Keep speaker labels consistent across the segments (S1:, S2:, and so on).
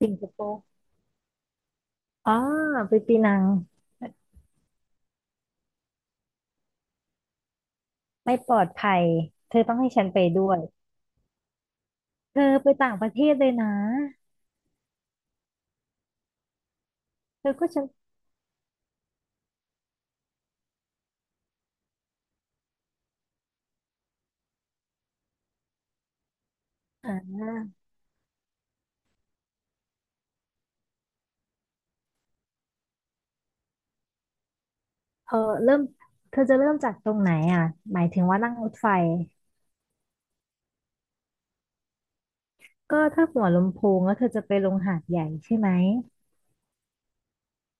S1: สิงคโปร์อ๋อไปปีนังไม่ปลอดภัยเธอต้องให้ฉันไปด้วยเธอไปต่างประเทศเลยนะเธอก็ฉันอ่าเออเริ่มเธอจะเริ่มจากตรงไหนอ่ะหมายถึงว่านั่งรถไฟก็ถ้าหัวลำโพงแล้วเธอจะไปลงหาดใหญ่ใช่ไหม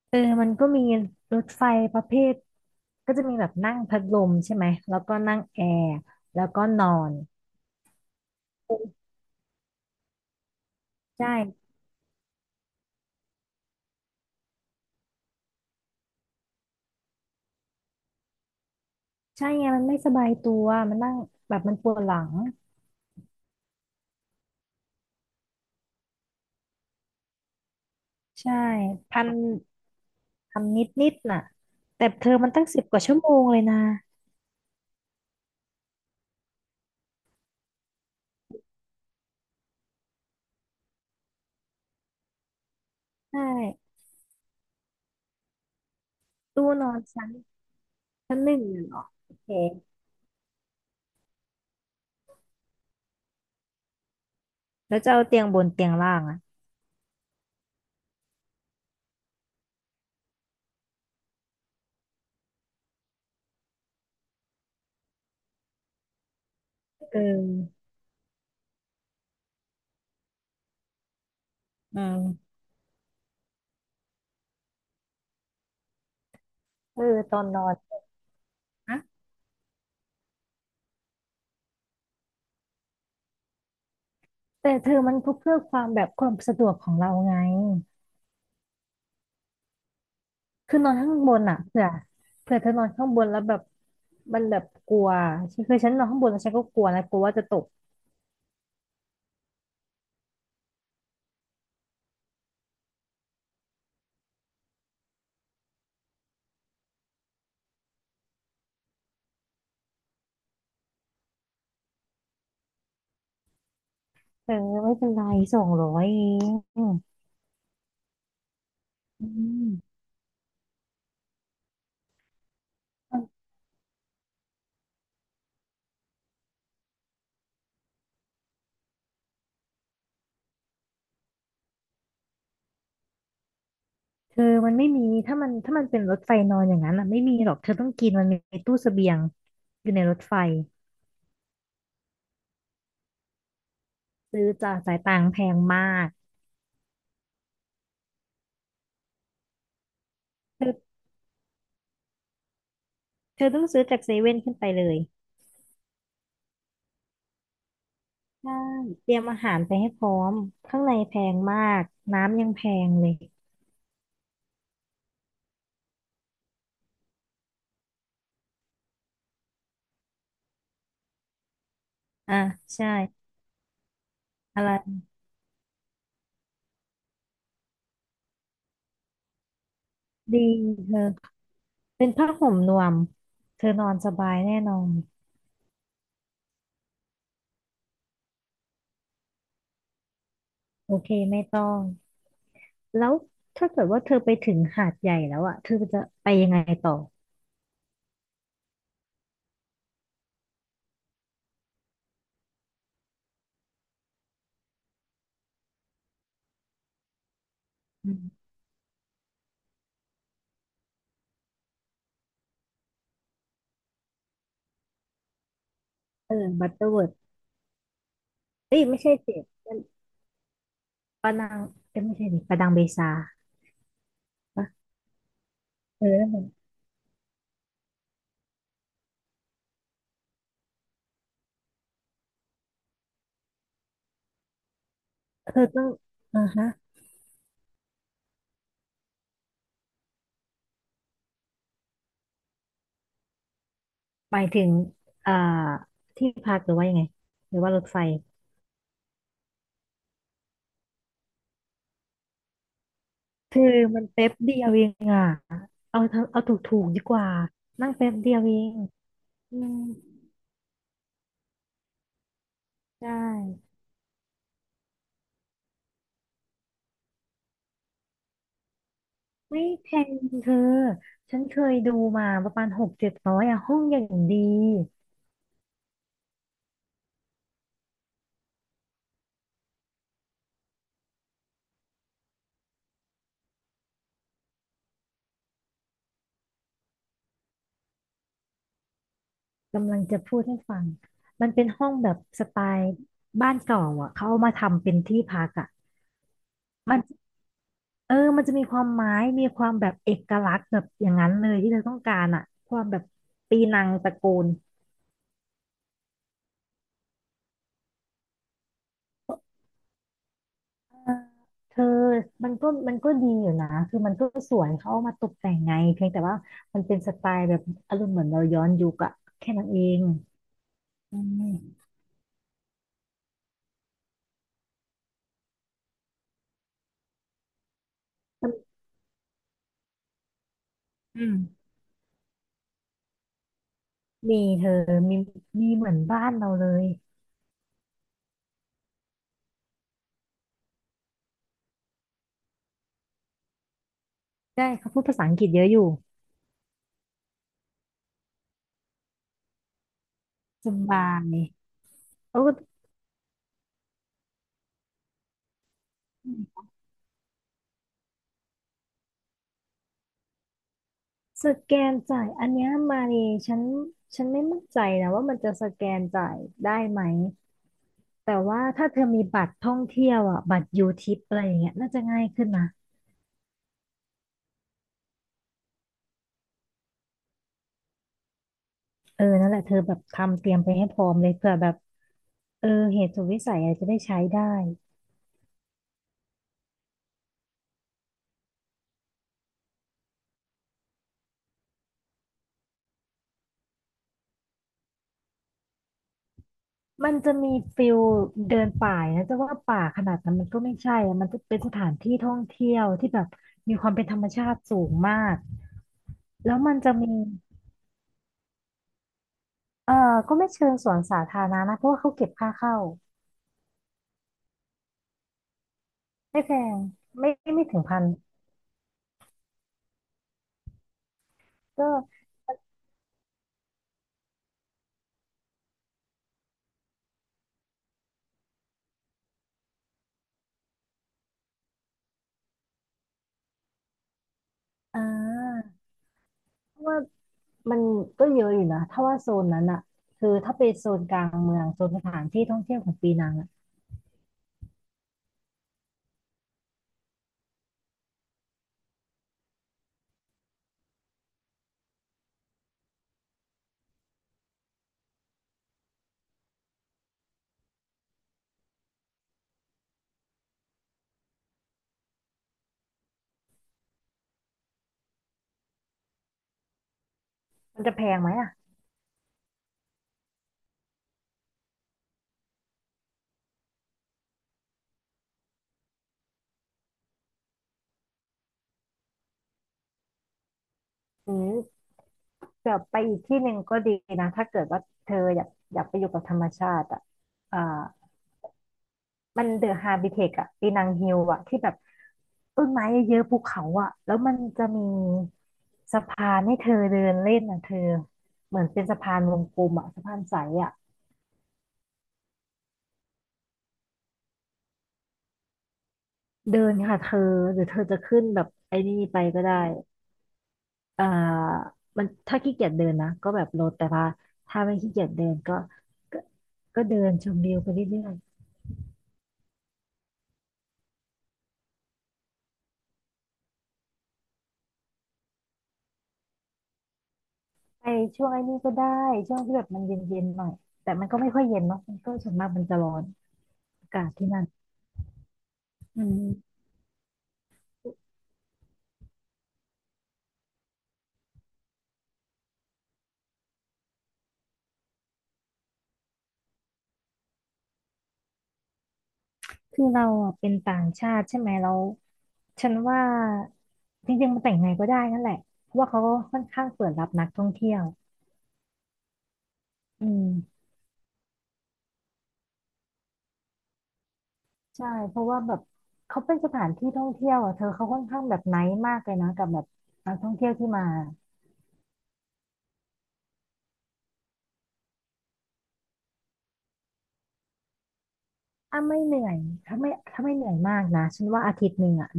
S1: เออมันก็มีรถไฟประเภทก็จะมีแบบนั่งพัดลมใช่ไหม แล้วก็นั่งแอร์แล้วก็นอนใช่ใช่ไงมันไม่สบายตัวมันนั่งแบบมันปวดหลังใช่พัน ทำนิดนิดน่ะแต่เธอมันตั้งสิบกว่าชั่วโมงเลยนะใช่ตู้นอนชั้นชั้นหนึ่งน่ะเหรอโอเคแล้วจะเอาเตียงบนเตียงล่างอ่ะเอออืมเออตอนนอนนะแต่เธอมันเพื่อความแบบความสะดวกของเราไงคือนอนข้างบนอ่ะเผื่อเธอนอนข้างบนแล้วแบบมันแบบกลัวคือฉันนอนข้างบนแล้วฉันก็กลัวนะกลัวว่าจะตกเออไม่เป็นไร200เองอืม เธอมันไม่มีถ้ามันเป็นรถไฟนอนอย่างนั้นอ่ะไม่มีหรอกเธอต้องกินมันมีตู้เสบียงอยู่ในรถไฟซื้อจากสายต่างแพงมากเธอเธอต้องซื้อจากเซเว่นขึ้นไปเลยใช่เตรียมอาหารไปให้พร้อมข้างในแพงมากน้ำยังแพงเลยอ่ะใช่อะไรดีเธอเป็นผ้าห่มนวมเธอนอนสบายแน่นอนโอเคไม่ต้องแล้วถ้าเกิดว่าเธอไปถึงหาดใหญ่แล้วอ่ะเธอจะไปยังไงต่ออืมเออบัตเตอร์เวิร์ เอ้ยไม่ใช่สิมันปานังเอ้ยไม่ใช่ดิปานังเบซาปะเออนั่นมันเธอต้องอ่าฮะหมายถึงอ่าที่พักหรือว่ายังไงหรือว่ารถไฟเธอมันแป๊บเดียวเองอ่ะเอาเธอเอาถูกถูกดีกว่านั่งแป๊บเดียวเองอืมไช่ไม่แพงเธอฉันเคยดูมาประมาณ600-700อะห้องอย่างดีกำลังจะพูดให้ฟังมันเป็นห้องแบบสไตล์บ้านเก่าอะเขาเอามาทำเป็นที่พักอะมัน เออ มันจะมีความไม้มีความแบบเอกลักษณ์แบบอย่างนั้นเลยที่เธอต้องการอะความแบบปีนังตระกูลเออเธอมันก็ดีอยู่นะคือมันก็สวยเขาเอามาตกแต่งไงเพียงแต่ว่ามันเป็นสไตล์แบบอารมณ์เหมือนเราย้อนยุคอะแค่นั้นเองอืมมันอืมมีเธอมีมีเหมือนบ้านเราเลยได้เขาพูดภาษาอังกฤษเยอะอยู่สบายเออ สแกนจ่ายอันเนี้ยมาเลยฉันไม่มั่นใจนะว่ามันจะสแกนจ่ายได้ไหมแต่ว่าถ้าเธอมีบัตรท่องเที่ยวอ่ะบัตรยูทิปอะไรอย่างเงี้ยน่าจะง่ายขึ้นนะเออนั่นแหละเธอแบบทำเตรียมไปให้พร้อมเลยเผื่อแบบเออเหตุสุดวิสัยอะไรจะได้ใช้ได้มันจะมีฟิลเดินป่านะจะว่าป่าขนาดนั้นมันก็ไม่ใช่อะมันจะเป็นสถานที่ท่องเที่ยวที่แบบมีความเป็นธรรมชาติสูงมากแล้วมันจะมี เออก็ไม่เชิงสวนสาธารณะนะเพราะว่าเขาเก็บค่าเข้าไม่แพงไม่ไม่ถึงพันก็อ่าเพราะว่ามันก็เยอะอยู่นะถ้าว่าโซนนั้นอะคือถ้าไปโซนกลางเมืองโซนสถานที่ท่องเที่ยวของปีนังอะมันจะแพงไหมอะหรือแบบไปอีกที่หนึ่งก็ดีนะถ้าเกิดว่าเธออยากไปอยู่กับธรรมชาติอะอ่า มันเดอะฮาบิเทคอะปีนังฮิลอะที่แบบต้นไม้เยอะๆภูเขาอะแล้วมันจะมีสะพานให้เธอเดินเล่นอะเธอ เหมือนเป็นสะพานวงกลมอะสะพานใสอะเดินค่ะเธอ หรือเธอจะขึ้นแบบไอ้นี่ไปก็ได้ อ่ามันถ้าขี้เกียจเดินนะก็แบบลดแต่ว่าถ้าไม่ขี้เกียจเดินก็ก็ ก็เดินชมวิวไปเรื่อยๆไปช่วงไอ้นี่ก็ได้ช่วงที่แบบมันเย็นๆหน่อยแต่มันก็ไม่ค่อยเย็นเนาะมันก็ส่วนมากมันจะร้อนอากาศที่นั่นอืม คือเราอะเป็นต่างชาติใช่ไหมเราฉันว่าจริงๆมันแต่งไงก็ได้นั่นแหละเพราะว่าเขาก็ค่อนข้างเปิดรับนักท่องเที่ยวอืมใช่เพราะว่าแบบเขาเป็นสถานที่ท่องเที่ยวอ่ะเธอเขาค่อนข้างแบบไนท์มากเลยนะกับแบบนักท่องเที่ยวที่มาอ่ะไม่เหนื่อยถ้าไม่เหนื่อยมากนะฉันว่าอาทิตย์หนึ่งอ่ะ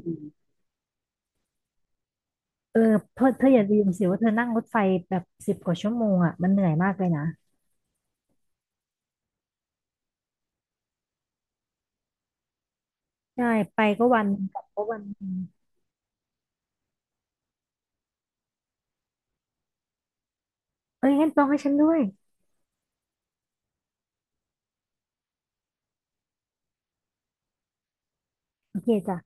S1: เออเธออย่าลืมสิว่าเธอนั่งรถไฟแบบสิบกว่าชั่วโมงอ่ะมันเหนื่อยมากเลยนะใช่ไปก็วันหนึ่งกลับก็วันหนึ่งเอ้ยงั้นต้องให้ฉันด้วยโอเคจ้ะ